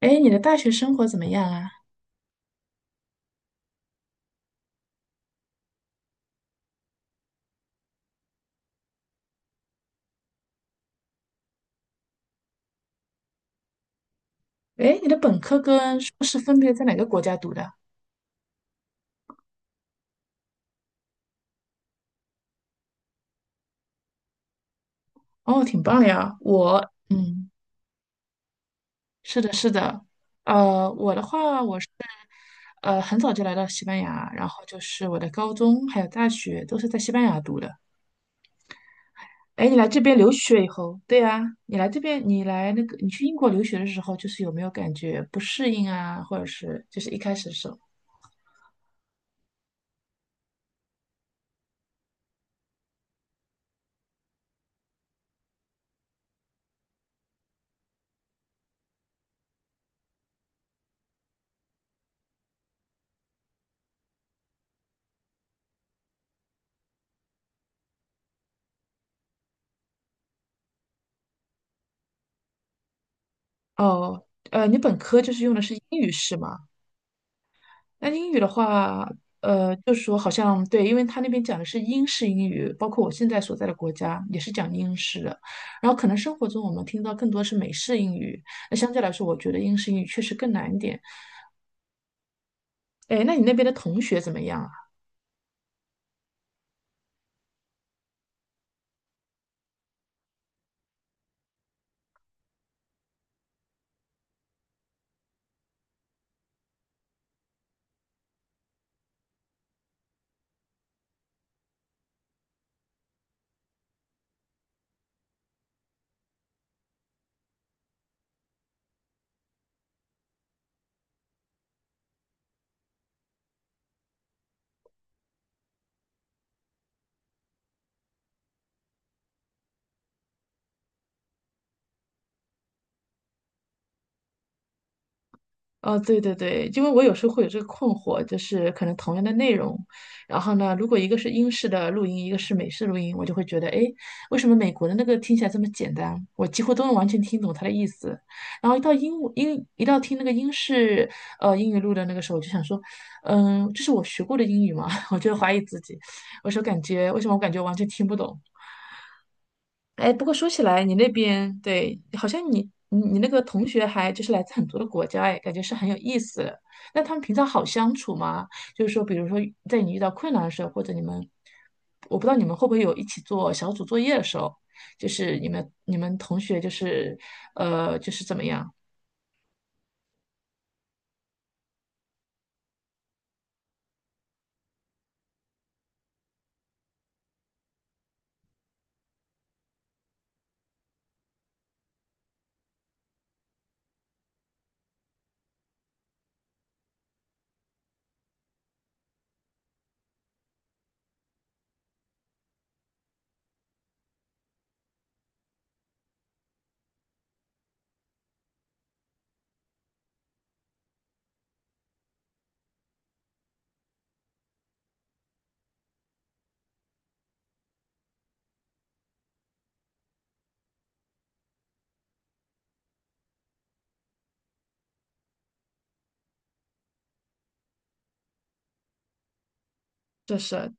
哎，你的大学生活怎么样啊？哎，你的本科跟硕士分别在哪个国家读的？哦，挺棒的呀。是的，是的。我的话，我很早就来到西班牙，然后就是我的高中还有大学都是在西班牙读的。哎，你来这边留学以后，对啊，你来这边，你来那个，你去英国留学的时候，有没有感觉不适应啊，或者是一开始的时候？哦，你本科就是用的是英语是吗？那英语的话，就是说好像对，因为他那边讲的是英式英语，包括我现在所在的国家也是讲英式的。然后可能生活中我们听到更多是美式英语，那相对来说，我觉得英式英语确实更难一点。哎，那你那边的同学怎么样啊？哦，对对对，因为我有时候会有这个困惑，就是可能同样的内容，然后呢，如果一个是英式的录音，一个是美式录音，我就会觉得，哎，为什么美国的那个听起来这么简单？我几乎都能完全听懂它的意思。然后一到听那个英式英语录的那个时候，我就想说，嗯，这是我学过的英语吗？我就怀疑自己，我说感觉为什么我感觉完全听不懂？哎，不过说起来，你那边对，好像你那个同学还就是来自很多的国家，哎，感觉是很有意思的。那他们平常好相处吗？就是说，比如说在你遇到困难的时候，或者你们，我不知道你们会不会有一起做小组作业的时候，就是你们同学就是就是怎么样？这是。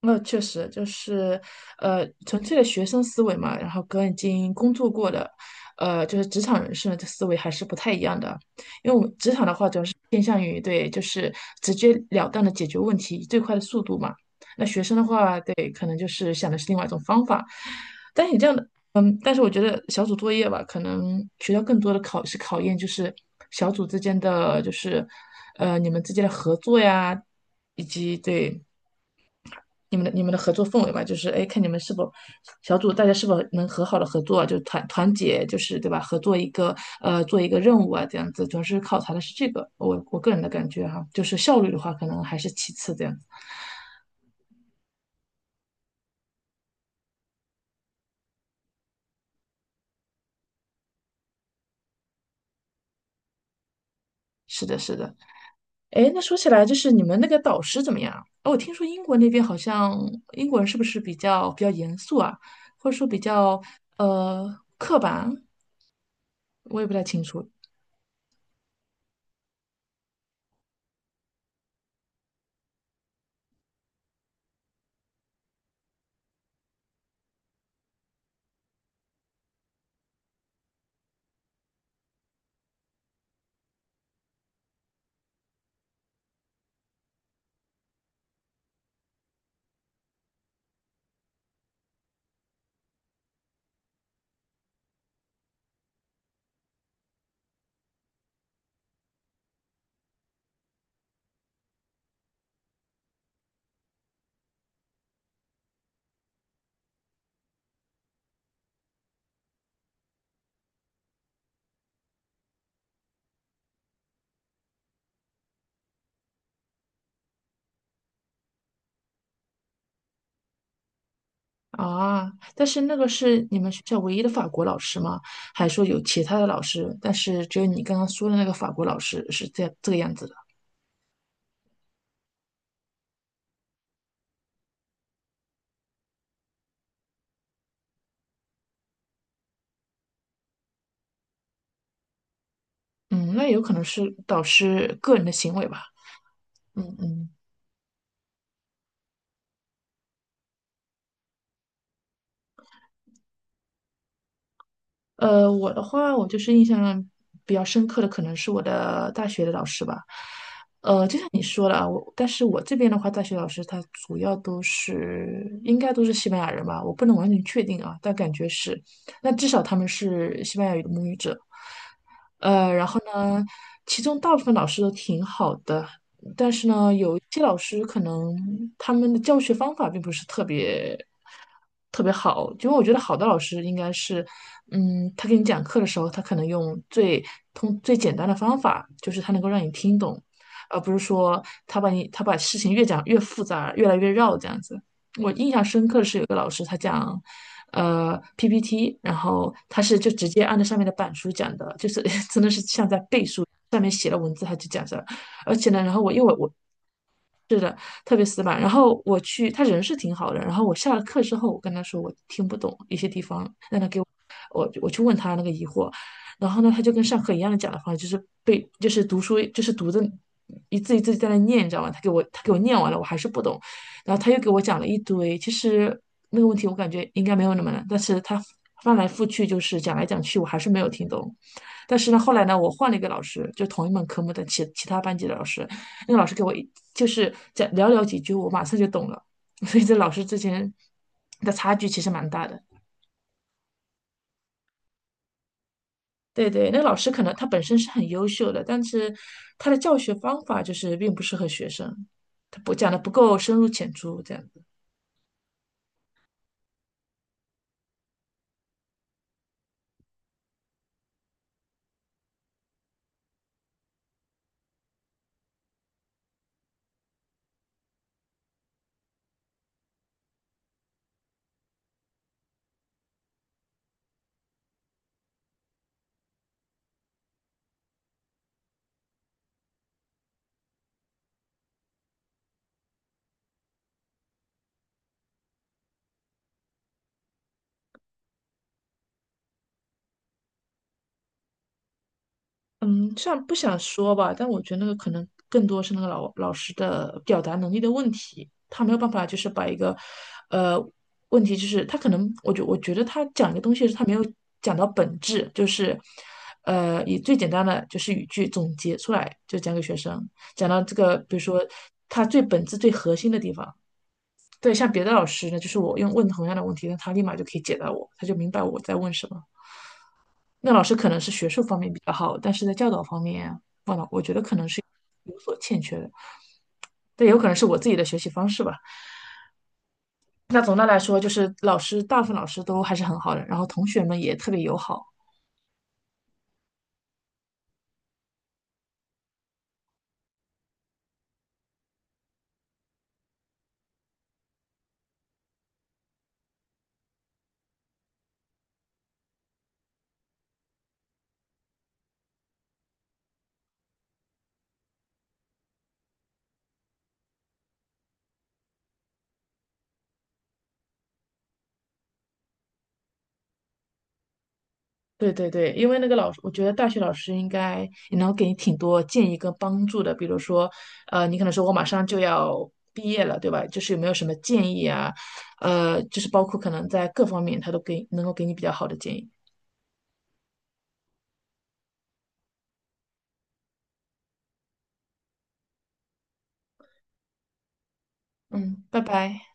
那确实就是，纯粹的学生思维嘛，然后跟已经工作过的，就是职场人士的这思维还是不太一样的。因为我们职场的话，主要是偏向于对，就是直截了当的解决问题，以最快的速度嘛。那学生的话，对，可能就是想的是另外一种方法。但你这样的，嗯，但是我觉得小组作业吧，可能学校更多的考验就是小组之间的，就是，你们之间的合作呀，以及对。你们的合作氛围嘛，就是哎，看你们是否小组大家是否能和好的合作，就团结，就是对吧？合作一个做一个任务啊，这样子，主要是考察的是这个，我个人的感觉哈、就是效率的话，可能还是其次这样子。是的，是的。哎，那说起来，就是你们那个导师怎么样啊？哦，我听说英国那边好像英国人是不是比较严肃啊，或者说比较刻板？我也不太清楚。啊，但是那个是你们学校唯一的法国老师吗？还是说有其他的老师？但是只有你刚刚说的那个法国老师是这个样子的。嗯，那有可能是导师个人的行为吧。嗯嗯。我的话，我就是印象比较深刻的，可能是我的大学的老师吧。就像你说了啊，我，但是我这边的话，大学老师他主要都是应该都是西班牙人吧，我不能完全确定啊，但感觉是，那至少他们是西班牙语的母语者。然后呢，其中大部分老师都挺好的，但是呢，有一些老师可能他们的教学方法并不是特别好，因为我觉得好的老师应该是，嗯，他给你讲课的时候，他可能用最通最简单的方法，就是他能够让你听懂，而不是说他把事情越讲越复杂，越来越绕这样子。我印象深刻的是有一个老师他讲。PPT，然后他是就直接按照上面的板书讲的，就是 真的是像在背书，上面写了文字他就讲着。而且呢，然后因为我是的特别死板，然后我去他人是挺好的，然后我下了课之后，我跟他说我听不懂一些地方，让他给我我去问他那个疑惑，然后呢，他就跟上课一样的讲的方式，就是背就是读书就是读的一字一字在那念，你知道吗？他给我念完了，我还是不懂，然后他又给我讲了一堆，其实那个问题我感觉应该没有那么难，但是他翻来覆去就是讲来讲去，我还是没有听懂。但是呢，后来呢，我换了一个老师，就同一门科目的其他班级的老师，那个老师给我就是讲寥寥几句，我马上就懂了。所以这老师之前的差距其实蛮大的。对对，那个老师可能他本身是很优秀的，但是他的教学方法就是并不适合学生，他不讲的不够深入浅出，这样。嗯，虽然不想说吧，但我觉得那个可能更多是那个老师的表达能力的问题，他没有办法就是把一个，呃，问题就是他可能，我觉得他讲一个东西是他没有讲到本质，就是，以最简单的就是语句总结出来，就讲给学生，讲到这个，比如说他最本质最核心的地方。对，像别的老师呢，就是我用问同样的问题，那他立马就可以解答我，他就明白我在问什么。那老师可能是学术方面比较好，但是在教导方面，忘了，我觉得可能是有所欠缺的。这也有可能是我自己的学习方式吧。那总的来说，就是老师，大部分老师都还是很好的，然后同学们也特别友好。对对对，因为那个老师，我觉得大学老师应该也能给你挺多建议跟帮助的。比如说，你可能说我马上就要毕业了，对吧？就是有没有什么建议啊？就是包括可能在各方面，他能够给你比较好的建议。嗯，拜拜。